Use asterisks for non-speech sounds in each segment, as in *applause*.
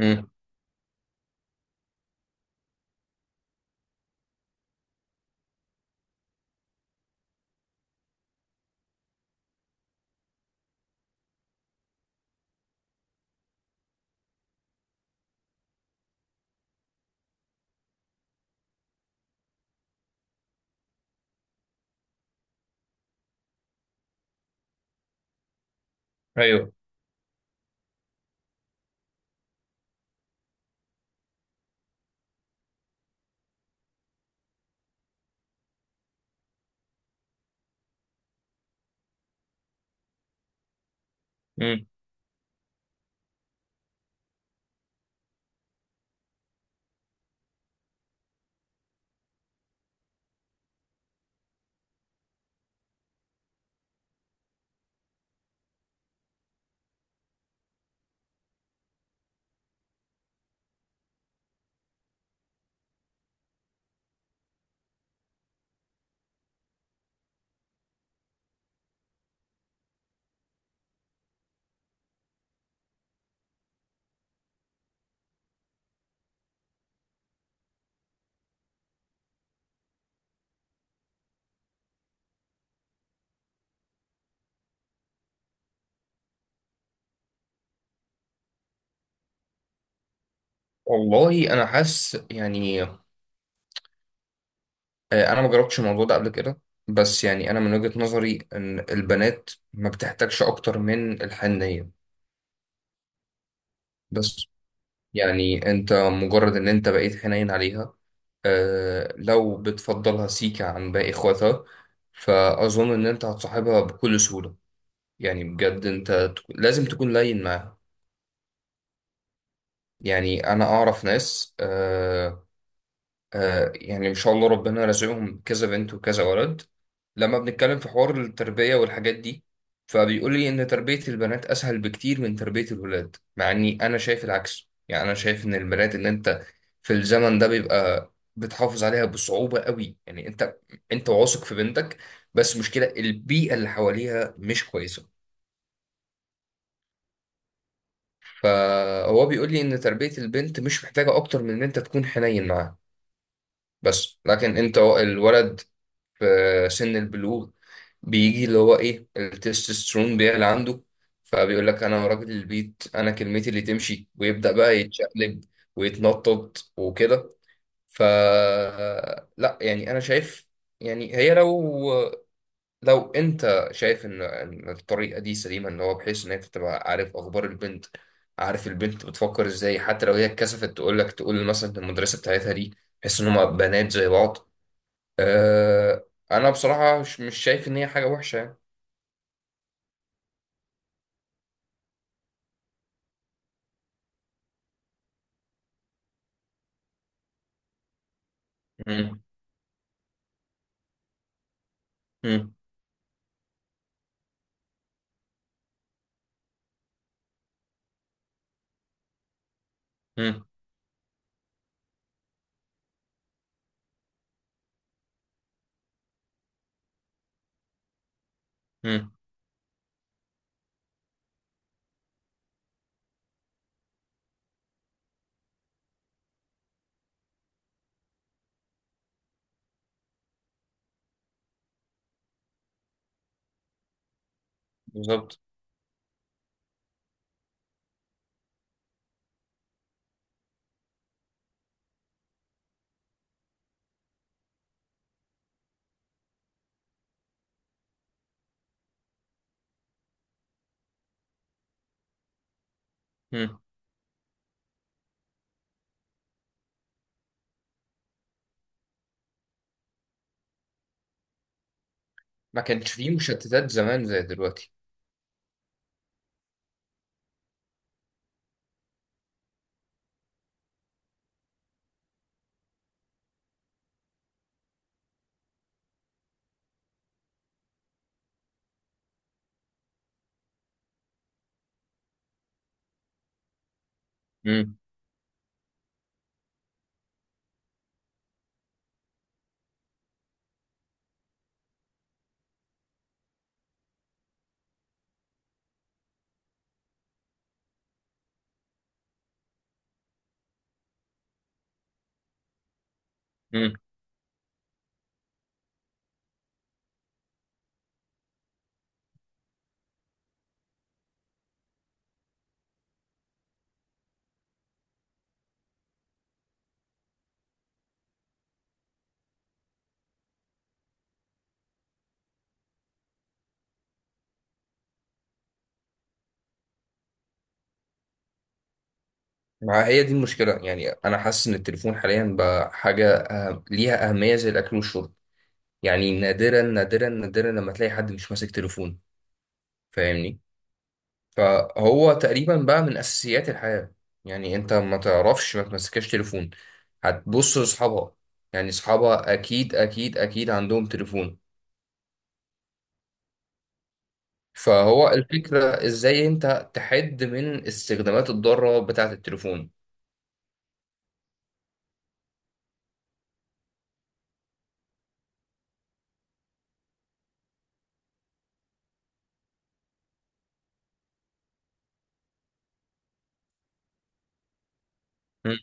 امم ايوه امم والله انا حاسس يعني انا ما جربتش الموضوع ده قبل كده. بس يعني انا من وجهة نظري ان البنات ما بتحتاجش اكتر من الحنية. بس يعني انت مجرد ان انت بقيت حنين عليها، آه، لو بتفضلها سيكا عن باقي اخواتها، فاظن ان انت هتصاحبها بكل سهولة. يعني بجد انت لازم تكون لين معاها. يعني انا اعرف ناس. يعني ان شاء الله ربنا رزقهم كذا بنت وكذا ولد، لما بنتكلم في حوار التربية والحاجات دي فبيقول لي ان تربية البنات اسهل بكتير من تربية الولاد، مع اني انا شايف العكس. يعني انا شايف ان البنات اللي انت في الزمن ده بيبقى بتحافظ عليها بصعوبة قوي. يعني انت واثق في بنتك، بس مشكلة البيئة اللي حواليها مش كويسة. فهو بيقول لي ان تربية البنت مش محتاجة اكتر من ان انت تكون حنين معاها، بس لكن انت الولد في سن البلوغ بيجي اللي هو ايه التستوستيرون بيعلى عنده، فبيقول لك انا راجل البيت، انا كلمتي اللي تمشي، ويبدأ بقى يتشقلب ويتنطط وكده. ف لا يعني انا شايف، يعني هي لو لو انت شايف ان الطريقة دي سليمة، ان هو بحيث ان انت تبقى عارف اخبار البنت، عارف البنت بتفكر ازاي، حتى لو هي اتكسفت تقول لك، تقول مثلا للمدرسة بتاعتها دي، بحيث ان هم بنات زي بعض. أه، انا بصراحه مش شايف ان هي حاجه وحشه يعني. مم. مم. مم. مم. بالظبط. مم. ما كانش فيه مشتتات زمان زي دلوقتي. مم. مم. ما هي دي المشكله، يعني انا حاسس ان التليفون حاليا بقى حاجه، أه، ليها اهميه زي الاكل والشرب. يعني نادرا نادرا نادرا لما تلاقي حد مش ماسك تليفون، فاهمني؟ فهو تقريبا بقى من اساسيات الحياه، يعني انت ما تعرفش ما تمسكش تليفون. هتبص لاصحابها، يعني اصحابها اكيد اكيد اكيد عندهم تليفون. فهو الفكره ازاي انت تحد من استخدامات الضاره بتاعه التليفون. مم.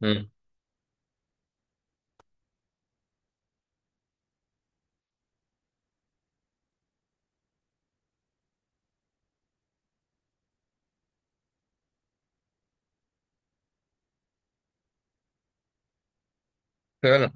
مم. فعلا.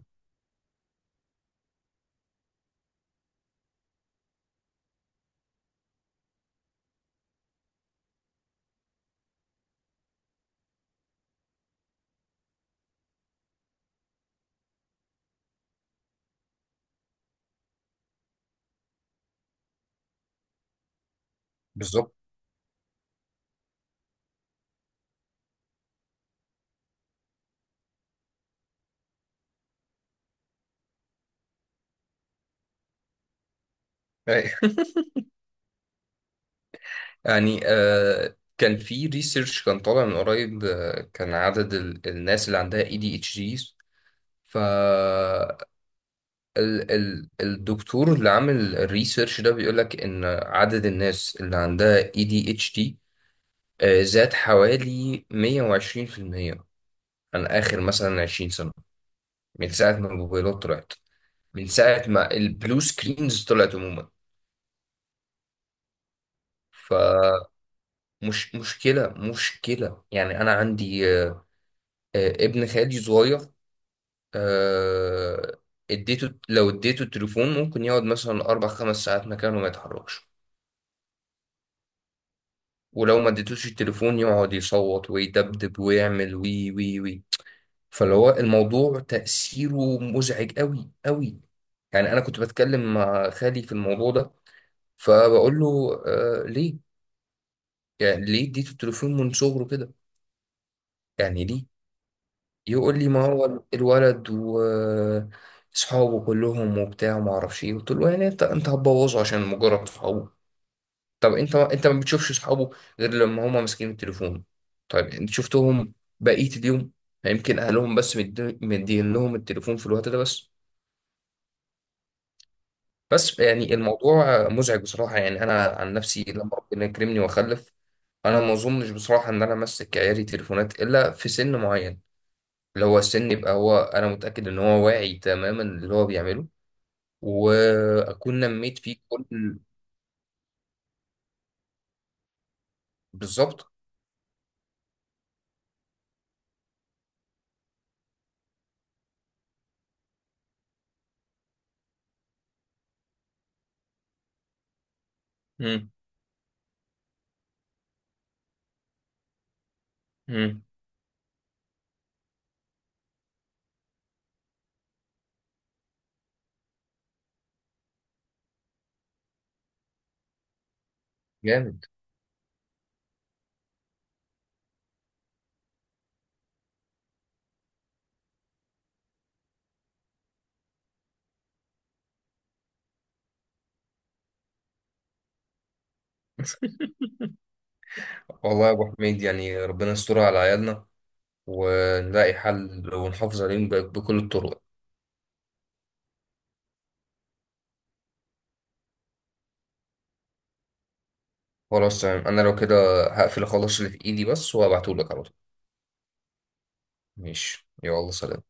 بالظبط. أي. *laughs* يعني آه كان في ريسيرش كان طالع من قريب، آه، كان عدد الناس اللي عندها اي دي اتش ديز، ال ال الدكتور اللي عامل الريسيرش ده بيقولك إن عدد الناس اللي عندها ADHD زاد حوالي 120% عن آخر مثلا 20 سنة، من ساعة ما الموبايلات طلعت، من ساعة ما البلو سكرينز طلعت عموما. فمش مشكلة يعني أنا عندي، ابن خالي صغير، آه، اديته، لو اديته التليفون ممكن يقعد مثلا أربع خمس ساعات مكانه ما يتحركش. ولو ما اديتوش التليفون يقعد يصوت ويدبدب ويعمل وي وي وي. فاللي هو الموضوع تأثيره مزعج قوي قوي. يعني انا كنت بتكلم مع خالي في الموضوع ده، فبقول له آه ليه، يعني ليه اديته التليفون من صغره كده؟ يعني ليه؟ يقول لي ما هو الولد واصحابه كلهم وبتاع وما اعرفش ايه. قلت له يعني انت هتبوظه عشان مجرد صحابه؟ طب انت ما بتشوفش اصحابه غير لما هما ماسكين التليفون. طيب انت شفتهم بقية اليوم؟ يعني يمكن اهلهم بس مدين لهم التليفون في الوقت ده بس. بس يعني الموضوع مزعج بصراحة، يعني انا عن نفسي لما ربنا يكرمني واخلف، انا ما اظنش بصراحة ان انا امسك عيالي تليفونات الا في سن معين، اللي هو السن يبقى هو انا متأكد ان هو واعي تماما اللي هو بيعمله، واكون نميت فيه كل. بالظبط. امم. امم. جامد. *laughs* والله يا ابو حميد، يعني ربنا يستر على عيالنا، ونلاقي حل ونحافظ عليهم بكل الطرق. خلاص تمام، انا لو كده هقفل اخلص اللي في ايدي بس وهبعتهولك على طول. ماشي، يلا سلام.